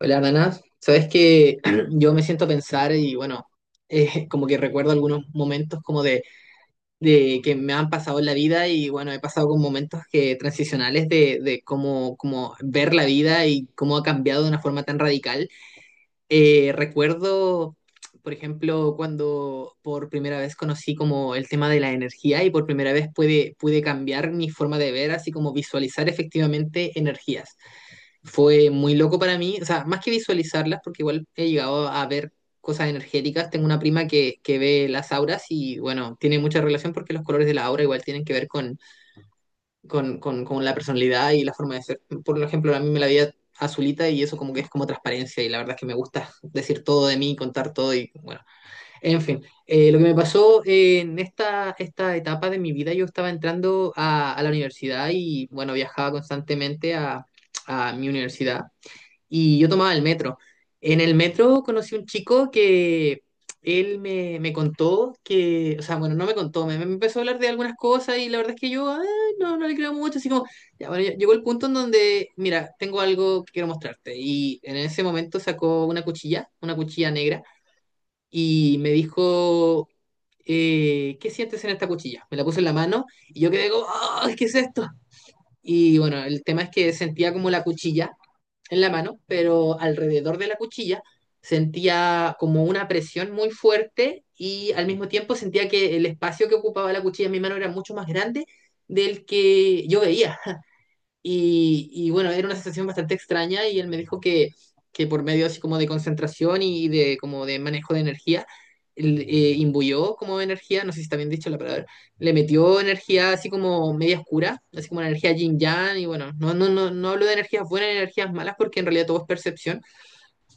Hola, Dana. Sabes que yo me siento a pensar y bueno, como que recuerdo algunos momentos de que me han pasado en la vida y bueno, he pasado con momentos que transicionales de cómo ver la vida y cómo ha cambiado de una forma tan radical. Recuerdo, por ejemplo, cuando por primera vez conocí como el tema de la energía y por primera vez pude cambiar mi forma de ver, así como visualizar efectivamente energías. Fue muy loco para mí, o sea, más que visualizarlas, porque igual he llegado a ver cosas energéticas. Tengo una prima que ve las auras y, bueno, tiene mucha relación porque los colores de la aura igual tienen que ver con la personalidad y la forma de ser. Por ejemplo, a mí me la veía azulita y eso como que es como transparencia y la verdad es que me gusta decir todo de mí, contar todo y, bueno, en fin. Lo que me pasó en esta etapa de mi vida, yo estaba entrando a la universidad y, bueno, viajaba constantemente a mi universidad y yo tomaba el metro. En el metro conocí un chico que él me contó que, o sea, bueno, no me contó, me empezó a hablar de algunas cosas y la verdad es que yo no, no le creo mucho, así como, ya, bueno, ya llegó el punto en donde, mira, tengo algo que quiero mostrarte. Y en ese momento sacó una cuchilla negra, y me dijo, ¿qué sientes en esta cuchilla? Me la puso en la mano y yo quedé como, "Ah, ¿qué es esto?" Y bueno, el tema es que sentía como la cuchilla en la mano, pero alrededor de la cuchilla sentía como una presión muy fuerte y al mismo tiempo sentía que el espacio que ocupaba la cuchilla en mi mano era mucho más grande del que yo veía. Y bueno, era una sensación bastante extraña y él me dijo que por medio así como de concentración y de como de manejo de energía, él, imbuyó como energía, no sé si está bien dicho la palabra, le metió energía así como media oscura, así como una energía yin yang y bueno, no hablo de energías buenas ni energías malas porque en realidad todo es percepción,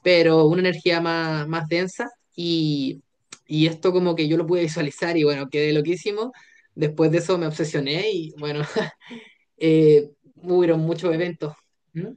pero una energía más densa y, y esto como que yo lo pude visualizar y bueno, quedé loquísimo. Después de eso me obsesioné y bueno, hubieron muchos eventos. ¿M?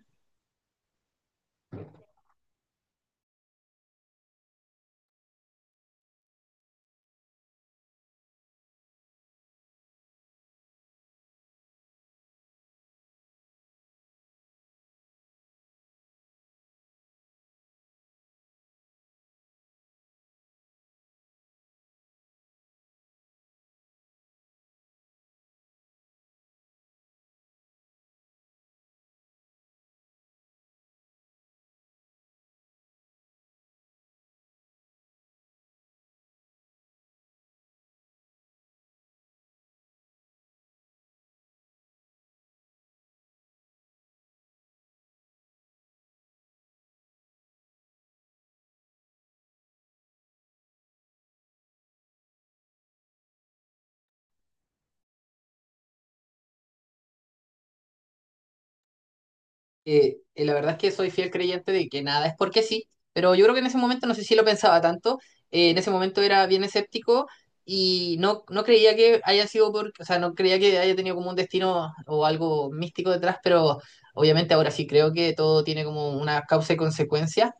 La verdad es que soy fiel creyente de que nada es porque sí, pero yo creo que en ese momento, no sé si lo pensaba tanto, en ese momento era bien escéptico y no, no creía que haya sido por, o sea, no creía que haya tenido como un destino o algo místico detrás, pero obviamente ahora sí creo que todo tiene como una causa y consecuencia.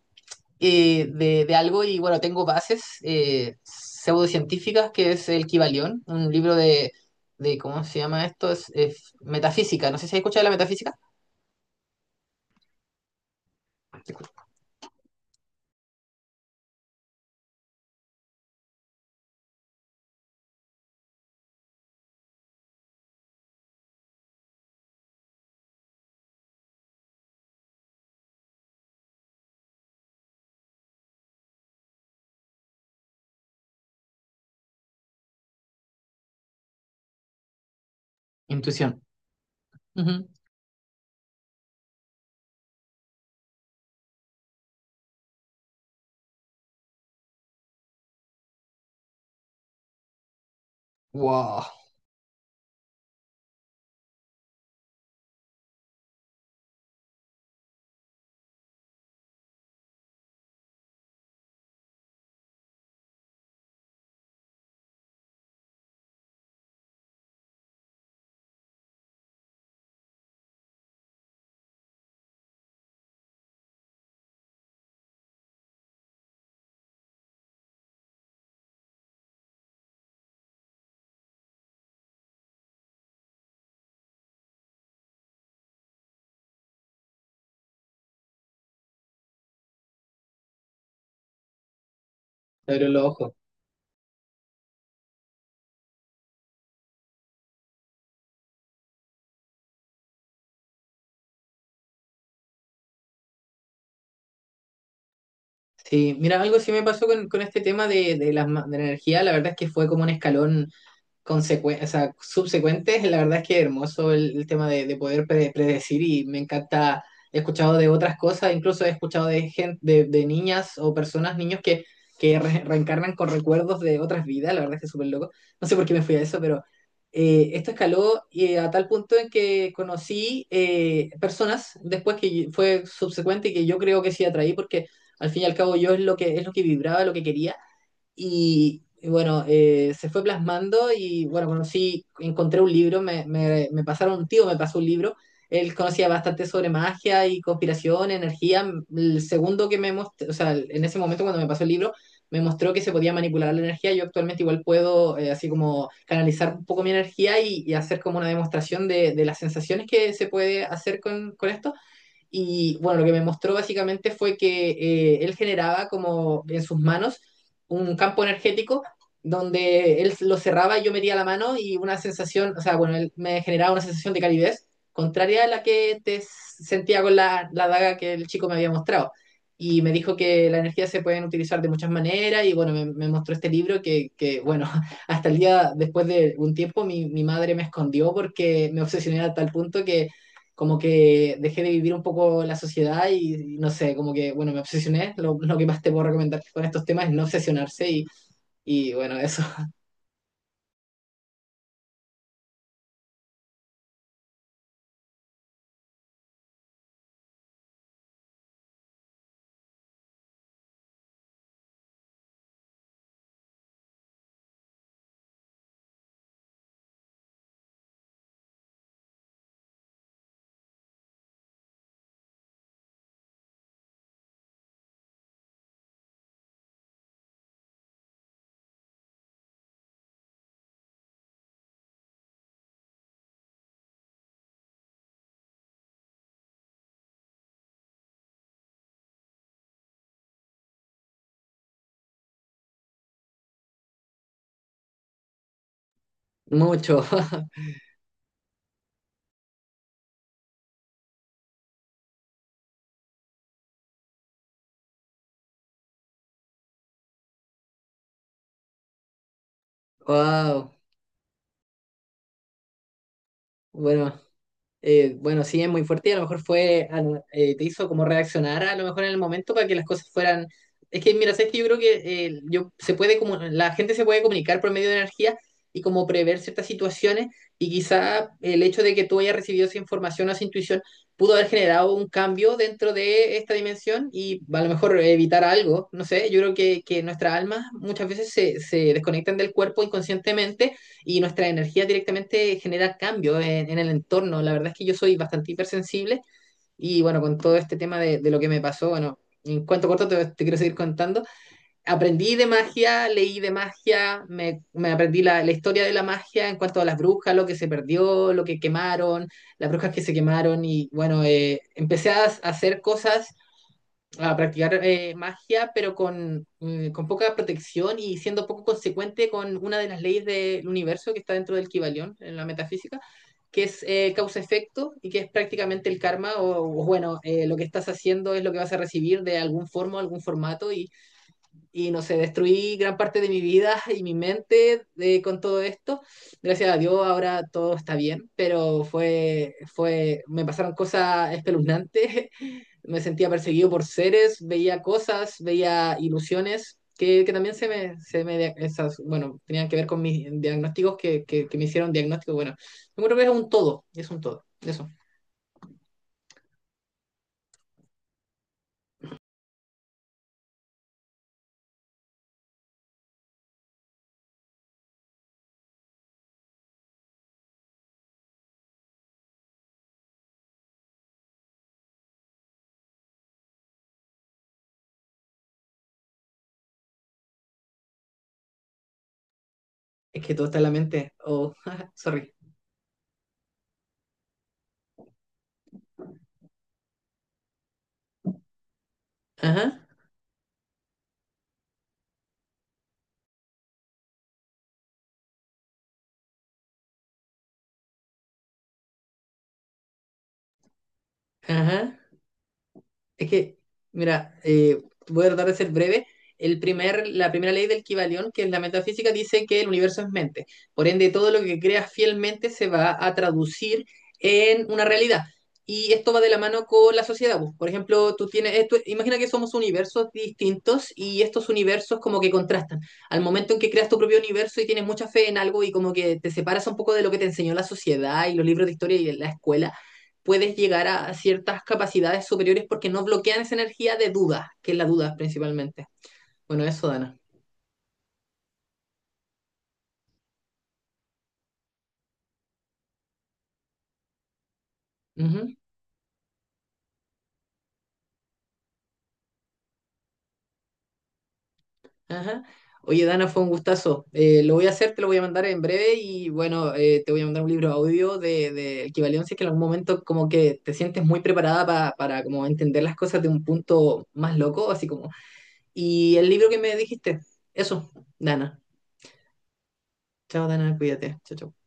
De de algo y bueno, tengo bases pseudocientíficas, que es el Kybalión, un libro de ¿cómo se llama esto? Es metafísica, no sé si has escuchado de la metafísica. Intuición. Ujú. Wow, te abrió los ojos. Sí, mira, algo sí me pasó con este tema de las ma- de la energía, la verdad es que fue como un escalón consecu- o sea, subsecuentes, la verdad es que hermoso el tema de poder pre- predecir y me encanta, he escuchado de otras cosas, incluso he escuchado de gente, de niñas o personas, niños que re- reencarnan con recuerdos de otras vidas, la verdad es que es súper loco, no sé por qué me fui a eso, pero esto escaló y a tal punto en que conocí personas después que yo- fue subsecuente y que yo creo que sí atraí porque al fin y al cabo yo es lo que vibraba, lo que quería y bueno, se fue plasmando y bueno, conocí, encontré un libro, me pasaron un tío, me pasó un libro. Él conocía bastante sobre magia y conspiración, energía. El segundo que me mostró, o sea, en ese momento cuando me pasó el libro, me mostró que se podía manipular la energía. Yo actualmente igual puedo así como canalizar un poco mi energía y hacer como una demostración de las sensaciones que se puede hacer con esto. Y bueno, lo que me mostró básicamente fue que él generaba como en sus manos un campo energético donde él lo cerraba y yo metía la mano y una sensación, o sea, bueno, él me generaba una sensación de calidez contraria a la que te sentía con la, la daga que el chico me había mostrado. Y me dijo que la energía se pueden utilizar de muchas maneras y bueno, me mostró este libro que, bueno, hasta el día después de un tiempo mi madre me escondió porque me obsesioné a tal punto que como que dejé de vivir un poco la sociedad y no sé, como que, bueno, me obsesioné. Lo que más te puedo recomendar con estos temas es no obsesionarse y bueno, eso. Mucho. Wow. Bueno, bueno, sí, es muy fuerte y a lo mejor fue, al- te hizo como reaccionar a lo mejor en el momento para que las cosas fueran... Es que, mira, sabes que yo creo que se puede como, la gente se puede comunicar por medio de energía y como prever ciertas situaciones y quizá el hecho de que tú hayas recibido esa información o esa intuición pudo haber generado un cambio dentro de esta dimensión y a lo mejor evitar algo, no sé, yo creo que nuestras almas muchas veces se desconectan del cuerpo inconscientemente y nuestra energía directamente genera cambios el entorno. La verdad es que yo soy bastante hipersensible y bueno, con todo este tema de lo que me pasó, bueno, en cuanto corto te quiero seguir contando. Aprendí de magia, leí de magia, me aprendí la historia de la magia en cuanto a las brujas, lo que se perdió, lo que quemaron, las brujas que se quemaron y bueno, empecé a hacer cosas a practicar magia, pero con poca protección y siendo poco consecuente con una de las leyes del universo que está dentro del Kybalión, en la metafísica, que es causa-efecto y que es prácticamente el karma, o bueno, lo que estás haciendo es lo que vas a recibir de algún forma, algún formato, y no sé, destruí gran parte de mi vida y mi mente de, con todo esto. Gracias a Dios ahora todo está bien, pero fue, me pasaron cosas espeluznantes, me sentía perseguido por seres, veía cosas, veía ilusiones. Que también se me dia- esas, bueno, tenían que ver con mis diagnósticos que me hicieron diagnósticos. Bueno, yo creo que es un todo, eso. Es que todo está en la mente. Oh, sorry. Ajá, ajá. Es que, mira, voy a tratar de ser breve. La primera ley del Kybalión, que es la metafísica, dice que el universo es mente. Por ende, todo lo que creas fielmente se va a traducir en una realidad. Y esto va de la mano con la sociedad. Pues. Por ejemplo, tú tienes, imagina que somos universos distintos y estos universos como que contrastan. Al momento en que creas tu propio universo y tienes mucha fe en algo y como que te separas un poco de lo que te enseñó la sociedad y los libros de historia y la escuela, puedes llegar a ciertas capacidades superiores porque no bloquean esa energía de duda, que es la duda principalmente. Bueno, eso, Dana. Ujú, ajá. Oye, Dana, fue un gustazo. Lo voy a hacer, te lo voy a mandar en breve y bueno, te voy a mandar un libro audio de equivalencia que en algún momento como que te sientes muy preparada pa- para como entender las cosas de un punto más loco, así como. Y el libro que me dijiste, eso, Dana. Chao, Dana, cuídate. Chao, chao.